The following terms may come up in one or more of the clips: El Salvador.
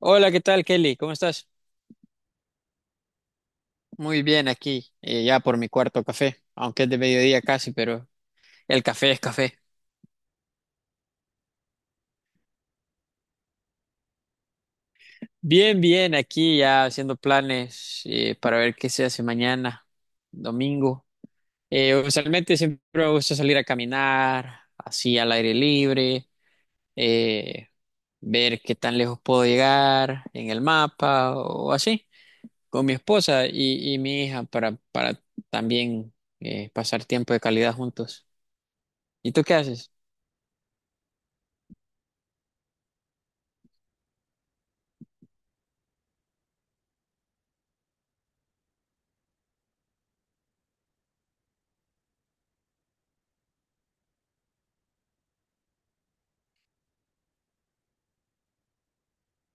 Hola, ¿qué tal, Kelly? ¿Cómo estás? Muy bien aquí, ya por mi cuarto café, aunque es de mediodía casi, pero el café es café. Bien, bien, aquí ya haciendo planes para ver qué se hace mañana, domingo. Usualmente siempre me gusta salir a caminar, así al aire libre, eh, ver qué tan lejos puedo llegar en el mapa o así, con mi esposa y mi hija para también pasar tiempo de calidad juntos. ¿Y tú qué haces?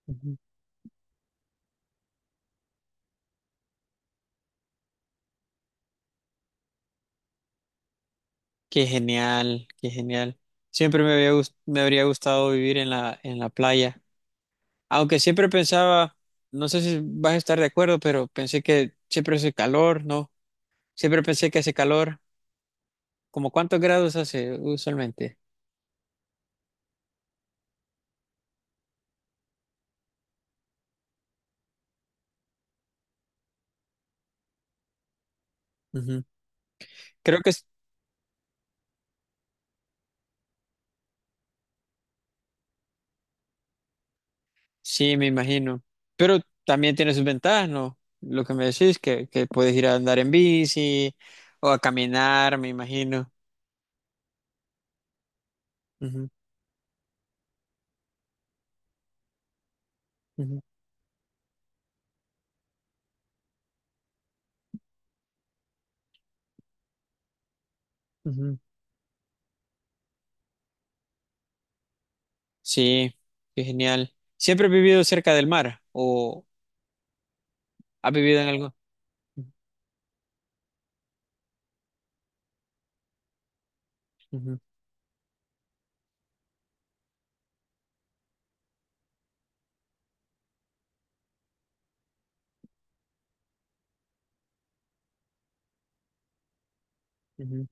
Ujú. Qué genial, qué genial. Siempre me habría gustado vivir en en la playa. Aunque siempre pensaba, no sé si vas a estar de acuerdo, pero pensé que siempre hace calor, ¿no? Siempre pensé que hace calor. ¿Como cuántos grados hace usualmente? Ujú. Creo que sí, me imagino. Pero también tiene sus ventajas, ¿no? Lo que me decís, que puedes ir a andar en bici o a caminar, me imagino. Ujú, ujú, ujú. Sí, qué genial. ¿Siempre has vivido cerca del mar o has vivido en algo? Ujú, ujú.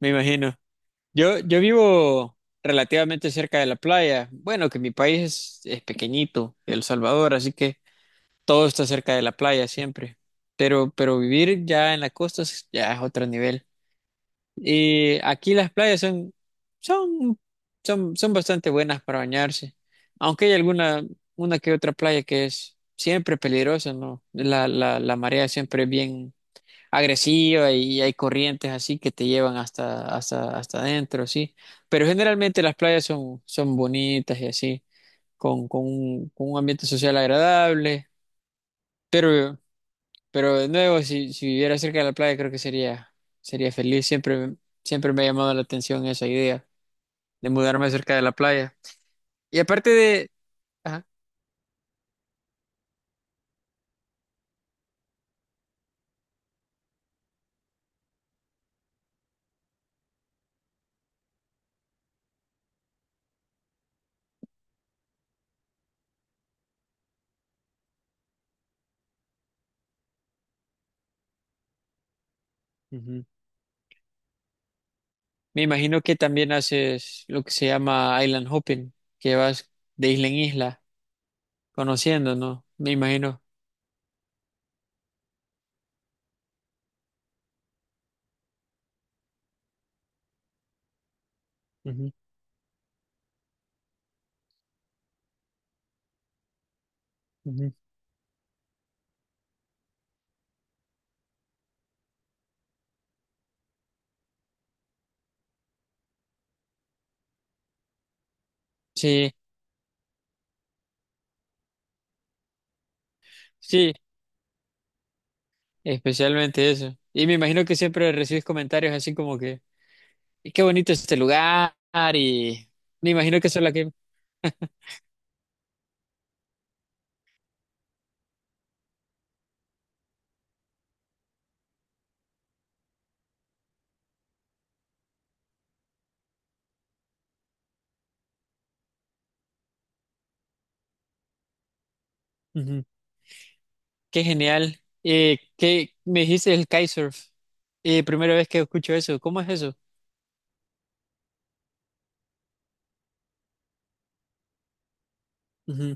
Me imagino. Yo vivo relativamente cerca de la playa. Bueno, que mi país es pequeñito, El Salvador, así que todo está cerca de la playa siempre. Pero vivir ya en la costa es- ya es otro nivel. Y aquí las playas son, son, son, son bastante buenas para bañarse, aunque hay alguna, una que otra playa que es siempre peligrosa, ¿no? La marea siempre es bien agresiva y hay corrientes así que te llevan hasta, hasta, hasta adentro, sí. Pero generalmente las playas son, son bonitas y así, con un ambiente social agradable, pero de nuevo, si viviera cerca de la playa, creo que sería, sería feliz. Siempre, siempre me ha llamado la atención esa idea de mudarme cerca de la playa. Y aparte de, ajá, ujú. Me imagino que también haces lo que se llama island hopping, que vas de isla en isla, conociendo, ¿no? Me imagino. Ujú, ujú. Sí, sí, especialmente eso. Y me imagino que siempre recibes comentarios así como que, "Y qué bonito es este lugar y me imagino que eso es la que..." Ujú. Qué genial. ¿Qué me dijiste, el kitesurf? Primera vez que escucho eso. ¿Cómo es eso? Ujú,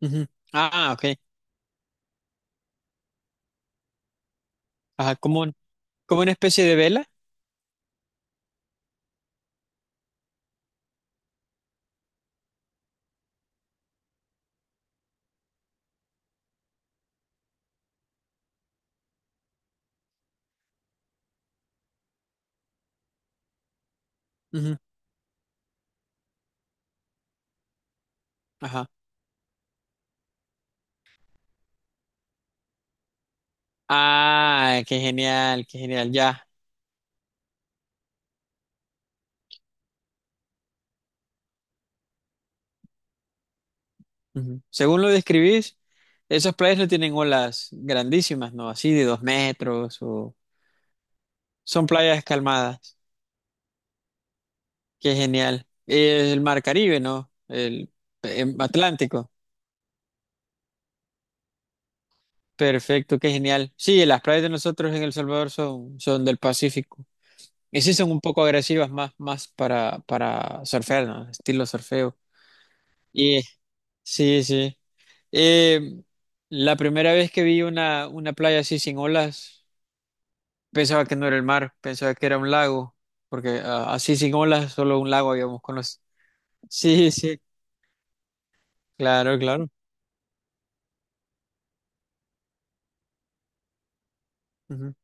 ujú. Ah, ok. Ajá, como, un- como una especie de vela. Ujú, ajá. Ah, qué genial, qué genial. Ya. Ujú. Según lo describís, esas playas no tienen olas grandísimas, ¿no? Así de dos metros o son playas calmadas. Qué genial. El mar Caribe, ¿no? El Atlántico. Perfecto, qué genial. Sí, las playas de nosotros en El Salvador son, son del Pacífico. Y sí son un poco agresivas más, más para surfear, ¿no? Estilo surfeo. Y sí, sí. Eh, la primera vez que vi una playa así sin olas, pensaba que no era el mar, pensaba que era un lago, porque así sin olas, solo un lago habíamos conocido. Sí, sí, claro, claro. Ujú,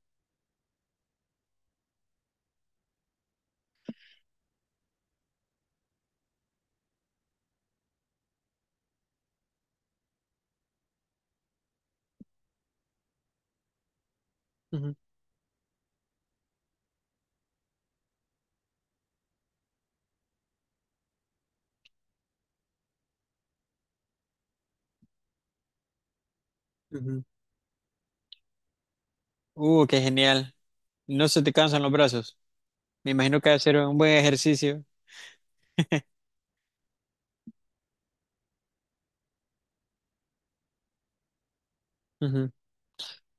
ujú, ujú. Qué genial. No se te cansan los brazos. Me imagino que va a ser un buen ejercicio.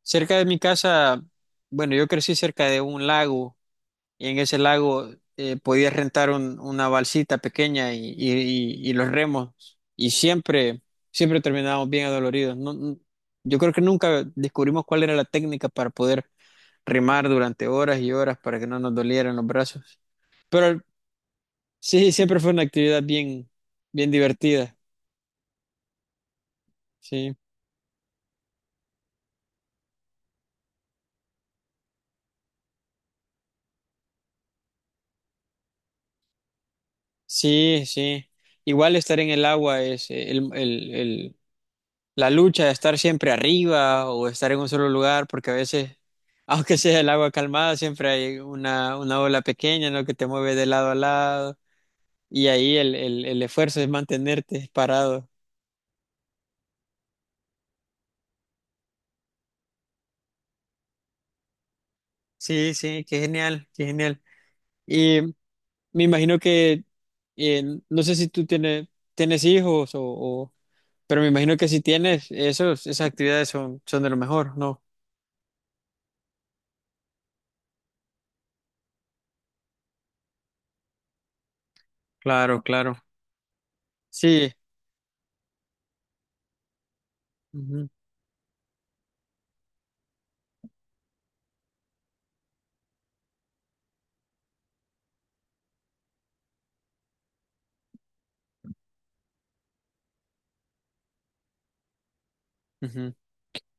Cerca de mi casa, bueno, yo crecí cerca de un lago y en ese lago podías rentar una balsita pequeña y los remos y siempre, siempre terminábamos bien adoloridos. Yo creo que nunca descubrimos cuál era la técnica para poder remar durante horas y horas para que no nos dolieran los brazos. Pero sí, siempre fue una actividad bien, bien divertida. Sí, sí, sí. Igual estar en el agua es el la lucha de estar siempre arriba o estar en un solo lugar, porque a veces, aunque sea el agua calmada, siempre hay una ola pequeña, ¿no?, que te mueve de lado a lado y ahí el esfuerzo es mantenerte parado. Sí, sí, qué genial, qué genial. Y me imagino que, eh, no sé si tú tienes, tienes hijos pero me imagino que si tienes, esos, esas actividades son, son de lo mejor, ¿no? Claro, claro. Sí. Ujú, ujú.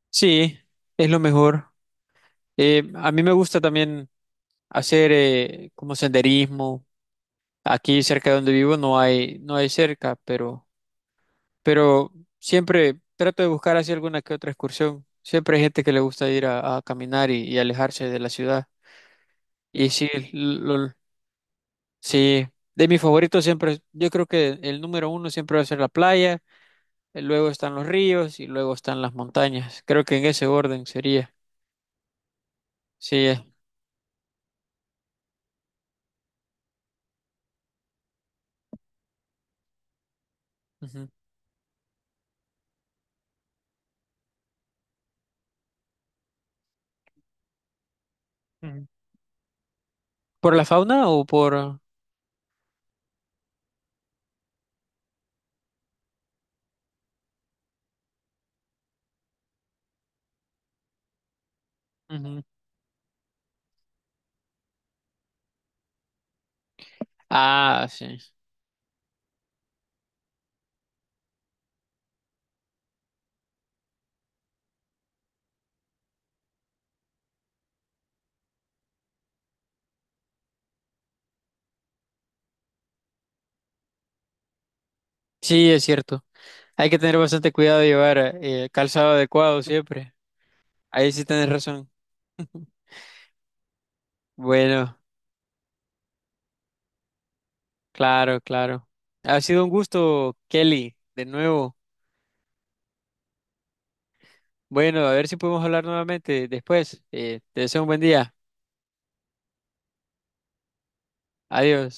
Sí, es lo mejor. A mí me gusta también hacer como senderismo. Aquí cerca de donde vivo no hay, no hay cerca, pero siempre trato de buscar así alguna que otra excursión. Siempre hay gente que le gusta ir a caminar y alejarse de la ciudad. Y sí, sí, de mis favoritos siempre, yo creo que el número uno siempre va a ser la playa, luego están los ríos y luego están las montañas. Creo que en ese orden sería. Sí, ujú. Ujú. ¿Por la fauna o por...? Ujú. Ah, sí. Sí, es cierto. Hay que tener bastante cuidado de llevar calzado adecuado siempre. Ahí sí tienes razón. Bueno, claro, claro. Ha sido un gusto, Kelly, de nuevo. Bueno, a ver si podemos hablar nuevamente después. Te deseo un buen día. Adiós.